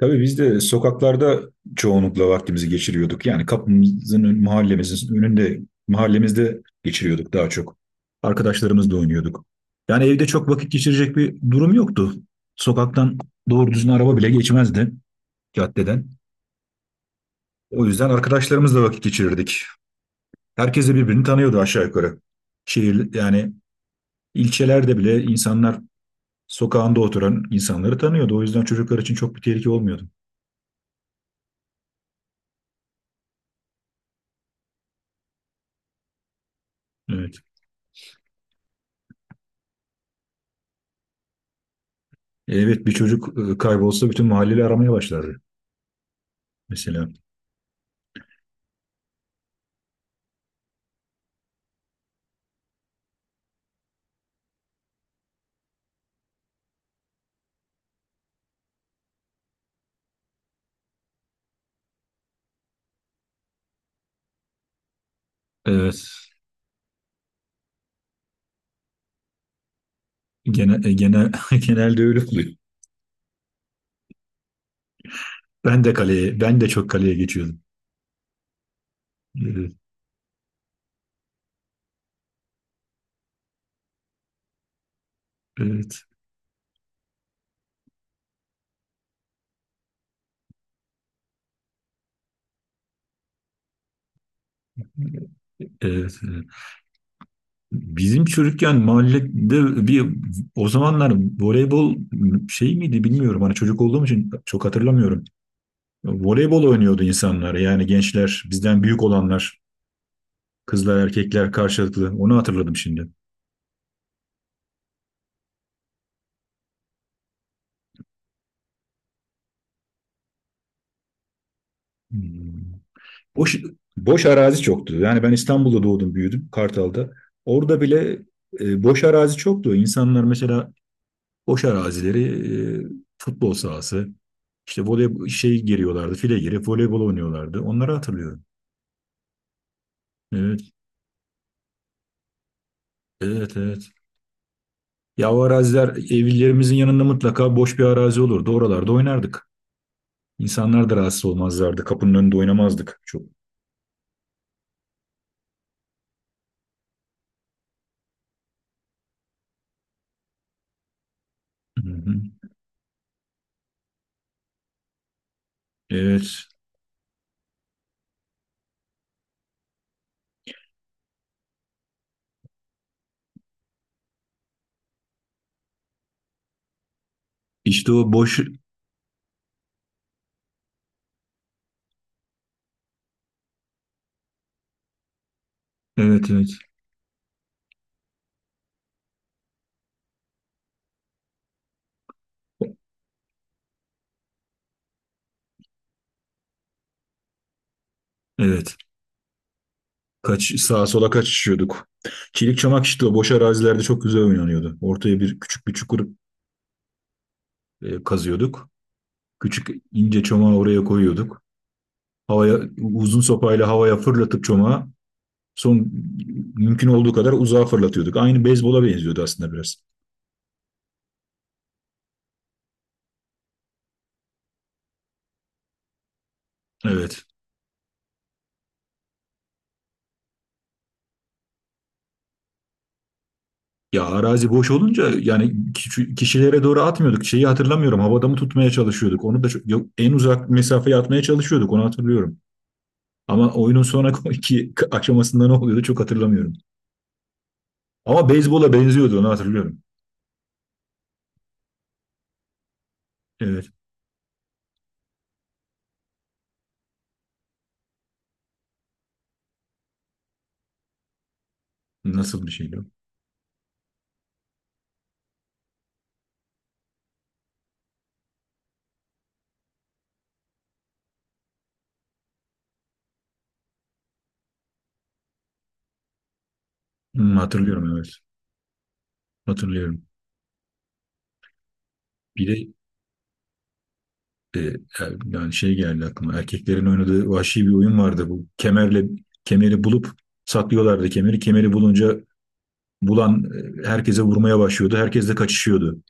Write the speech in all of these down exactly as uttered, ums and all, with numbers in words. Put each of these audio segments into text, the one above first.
Tabii biz de sokaklarda çoğunlukla vaktimizi geçiriyorduk. Yani kapımızın, ön- mahallemizin önünde, mahallemizde geçiriyorduk daha çok. Arkadaşlarımızla oynuyorduk. Yani evde çok vakit geçirecek bir durum yoktu. Sokaktan doğru düzgün araba bile geçmezdi caddeden. O yüzden arkadaşlarımızla vakit geçirirdik. Herkes de birbirini tanıyordu aşağı yukarı. Şehir, yani ilçelerde bile insanlar sokağında oturan insanları tanıyordu. O yüzden çocuklar için çok bir tehlike olmuyordu. Evet. Evet, bir çocuk e, kaybolsa bütün mahalleyle aramaya başlardı, mesela. Evet. Genel, e, genel, Genelde öyle oluyor. Ben de kaleye, ben de çok kaleye geçiyordum. Evet, evet, evet, evet. Bizim çocukken mahallede bir, o zamanlar, voleybol şey miydi bilmiyorum. Hani çocuk olduğum için çok hatırlamıyorum. Voleybol oynuyordu insanlar. Yani gençler, bizden büyük olanlar, kızlar, erkekler karşılıklı. Onu hatırladım şimdi. Hmm. Boş, boş arazi çoktu. Yani ben İstanbul'da doğdum, büyüdüm Kartal'da. Orada bile e, boş arazi çoktu. İnsanlar mesela boş arazileri, e, futbol sahası, işte voley şey giriyorlardı, file girip voleybol oynuyorlardı. Onları hatırlıyorum. Evet, evet, evet. Ya o araziler evlerimizin yanında mutlaka boş bir arazi olurdu. Oralarda oynardık. İnsanlar da rahatsız olmazlardı. Kapının önünde oynamazdık çok. Hı hı. Evet. İşte o boş... Evet, evet. Evet. Kaç, sağa sola kaçışıyorduk. Çelik çamak işte o boş arazilerde çok güzel oynanıyordu. Ortaya bir küçük bir çukur e, kazıyorduk. Küçük ince çomağı oraya koyuyorduk. Havaya uzun sopayla havaya fırlatıp çomağı son mümkün olduğu kadar uzağa fırlatıyorduk. Aynı beyzbola benziyordu aslında biraz. Evet. Ya arazi boş olunca yani kişi- kişilere doğru atmıyorduk. Şeyi hatırlamıyorum. Havada mı tutmaya çalışıyorduk? Onu da çok- yok, en uzak mesafeye atmaya çalışıyorduk. Onu hatırlıyorum. Ama oyunun sonraki aşamasında ne oluyordu çok hatırlamıyorum. Ama beyzbola benziyordu, onu hatırlıyorum. Evet. Nasıl bir şeydi o? Hmm, hatırlıyorum, evet. Hatırlıyorum. Bir de e, yani şey geldi aklıma. Erkeklerin oynadığı vahşi bir oyun vardı bu. Kemerle kemeri bulup saklıyorlardı kemeri. Kemeri bulunca bulan e, herkese vurmaya başlıyordu. Herkes de kaçışıyordu.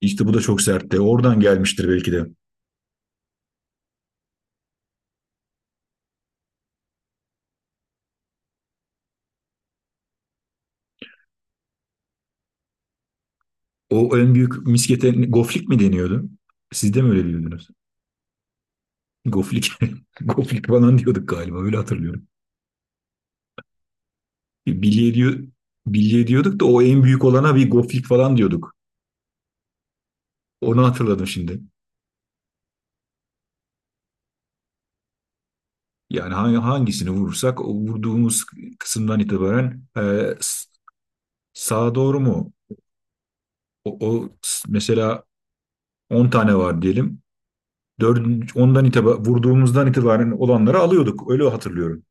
İşte bu da çok sertti. Oradan gelmiştir belki de. O en büyük miskete goflik mi deniyordu? Siz de mi öyle diyordunuz? Goflik. Goflik falan diyorduk galiba. Öyle hatırlıyorum. Bilye diyor, bilye diyorduk da o en büyük olana bir goflik falan diyorduk. Onu hatırladım şimdi. Yani hangi- hangisini vurursak, o vurduğumuz kısımdan itibaren, e, s- sağa doğru mu? O, o, s- mesela on tane var diyelim. dört, ondan itibaren, vurduğumuzdan itibaren olanları alıyorduk. Öyle hatırlıyorum.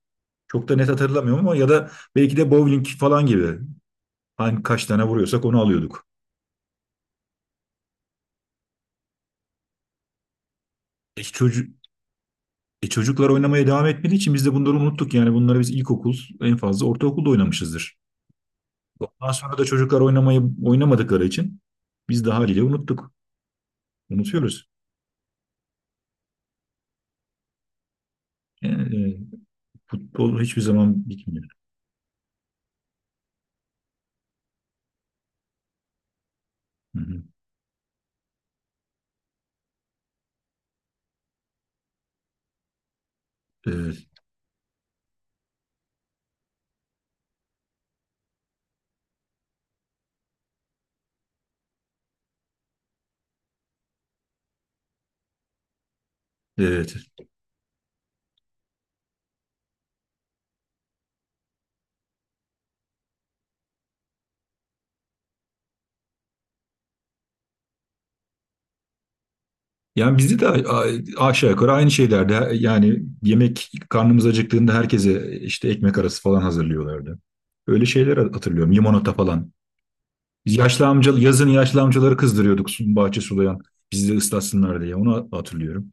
Çok da net hatırlamıyorum, ama ya da belki de bowling falan gibi. Hani kaç tane vuruyorsak onu alıyorduk. E, çocuk, E çocuklar oynamaya devam etmediği için biz de bunları unuttuk. Yani bunları biz ilkokul, en fazla ortaokulda oynamışızdır. Ondan sonra da çocuklar oynamayı oynamadıkları için biz de haliyle unuttuk. Unutuyoruz. Yani, e, futbol hiçbir zaman bitmiyor. Hı hı. Evet, evet. Yani bizde de a- aşağı yukarı aynı şeylerde, yani yemek, karnımız acıktığında herkese işte ekmek arası falan hazırlıyorlardı. Öyle şeyler hatırlıyorum. Limonata falan. Biz yaşlı amca, yazın yaşlı amcaları kızdırıyorduk, su- bahçe sulayan. Bizi de ıslatsınlar diye, onu hatırlıyorum.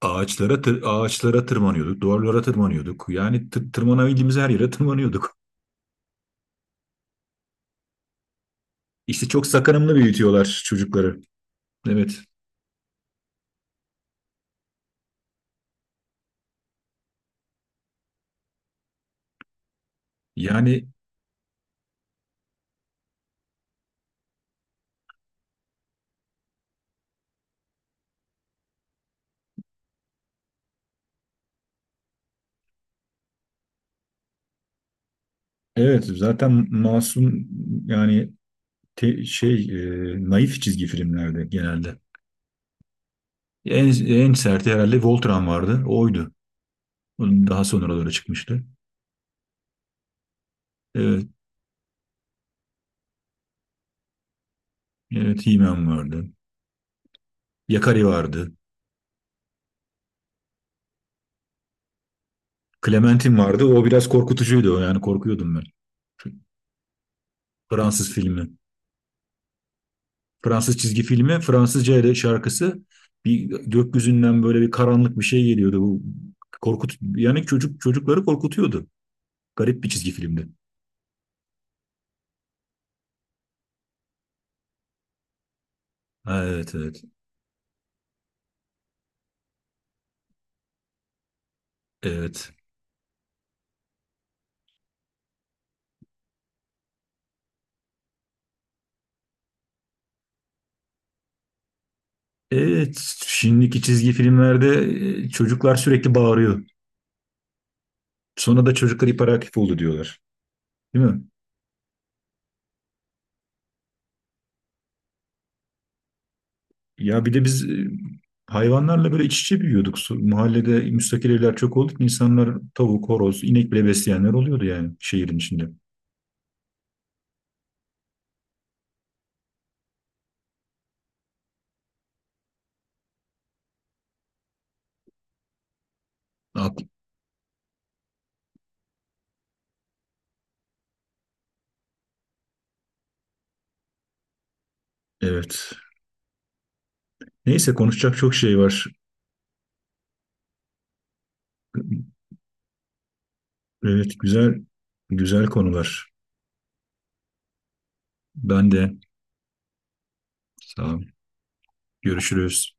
Ağaçlara tır- ağaçlara tırmanıyorduk, duvarlara tırmanıyorduk. Yani tır- tırmanabildiğimiz her yere tırmanıyorduk. İşte çok sakınımlı büyütüyorlar çocukları. Evet. Yani evet, zaten masum, yani te- şey, e, naif çizgi filmlerde genelde. En en serti herhalde Voltron vardı. Oydu. Onun daha sonralara çıkmıştı. Evet, evet, He-Man vardı. Yakari vardı. Clementine vardı. O biraz korkutucuydu. Yani korkuyordum ben. Fransız filmi. Fransız çizgi filmi. Fransızca ile şarkısı. Bir gökyüzünden böyle bir karanlık bir şey geliyordu. Bu korkut yani çocuk çocukları korkutuyordu. Garip bir çizgi filmdi. Evet, evet. Evet. Evet. Şimdiki çizgi filmlerde e, çocuklar sürekli bağırıyor. Sonra da çocuklar hiperaktif oldu diyorlar. Değil mi? Ya bir de biz e, hayvanlarla böyle iç içe büyüyorduk. Su- Mahallede müstakil evler çok olduk. İnsanlar tavuk, horoz, inek bile besleyenler oluyordu, yani şehrin içinde. Ak- Evet. Neyse, konuşacak çok şey var. Evet, güzel güzel konular. Ben de sağ ol. Görüşürüz.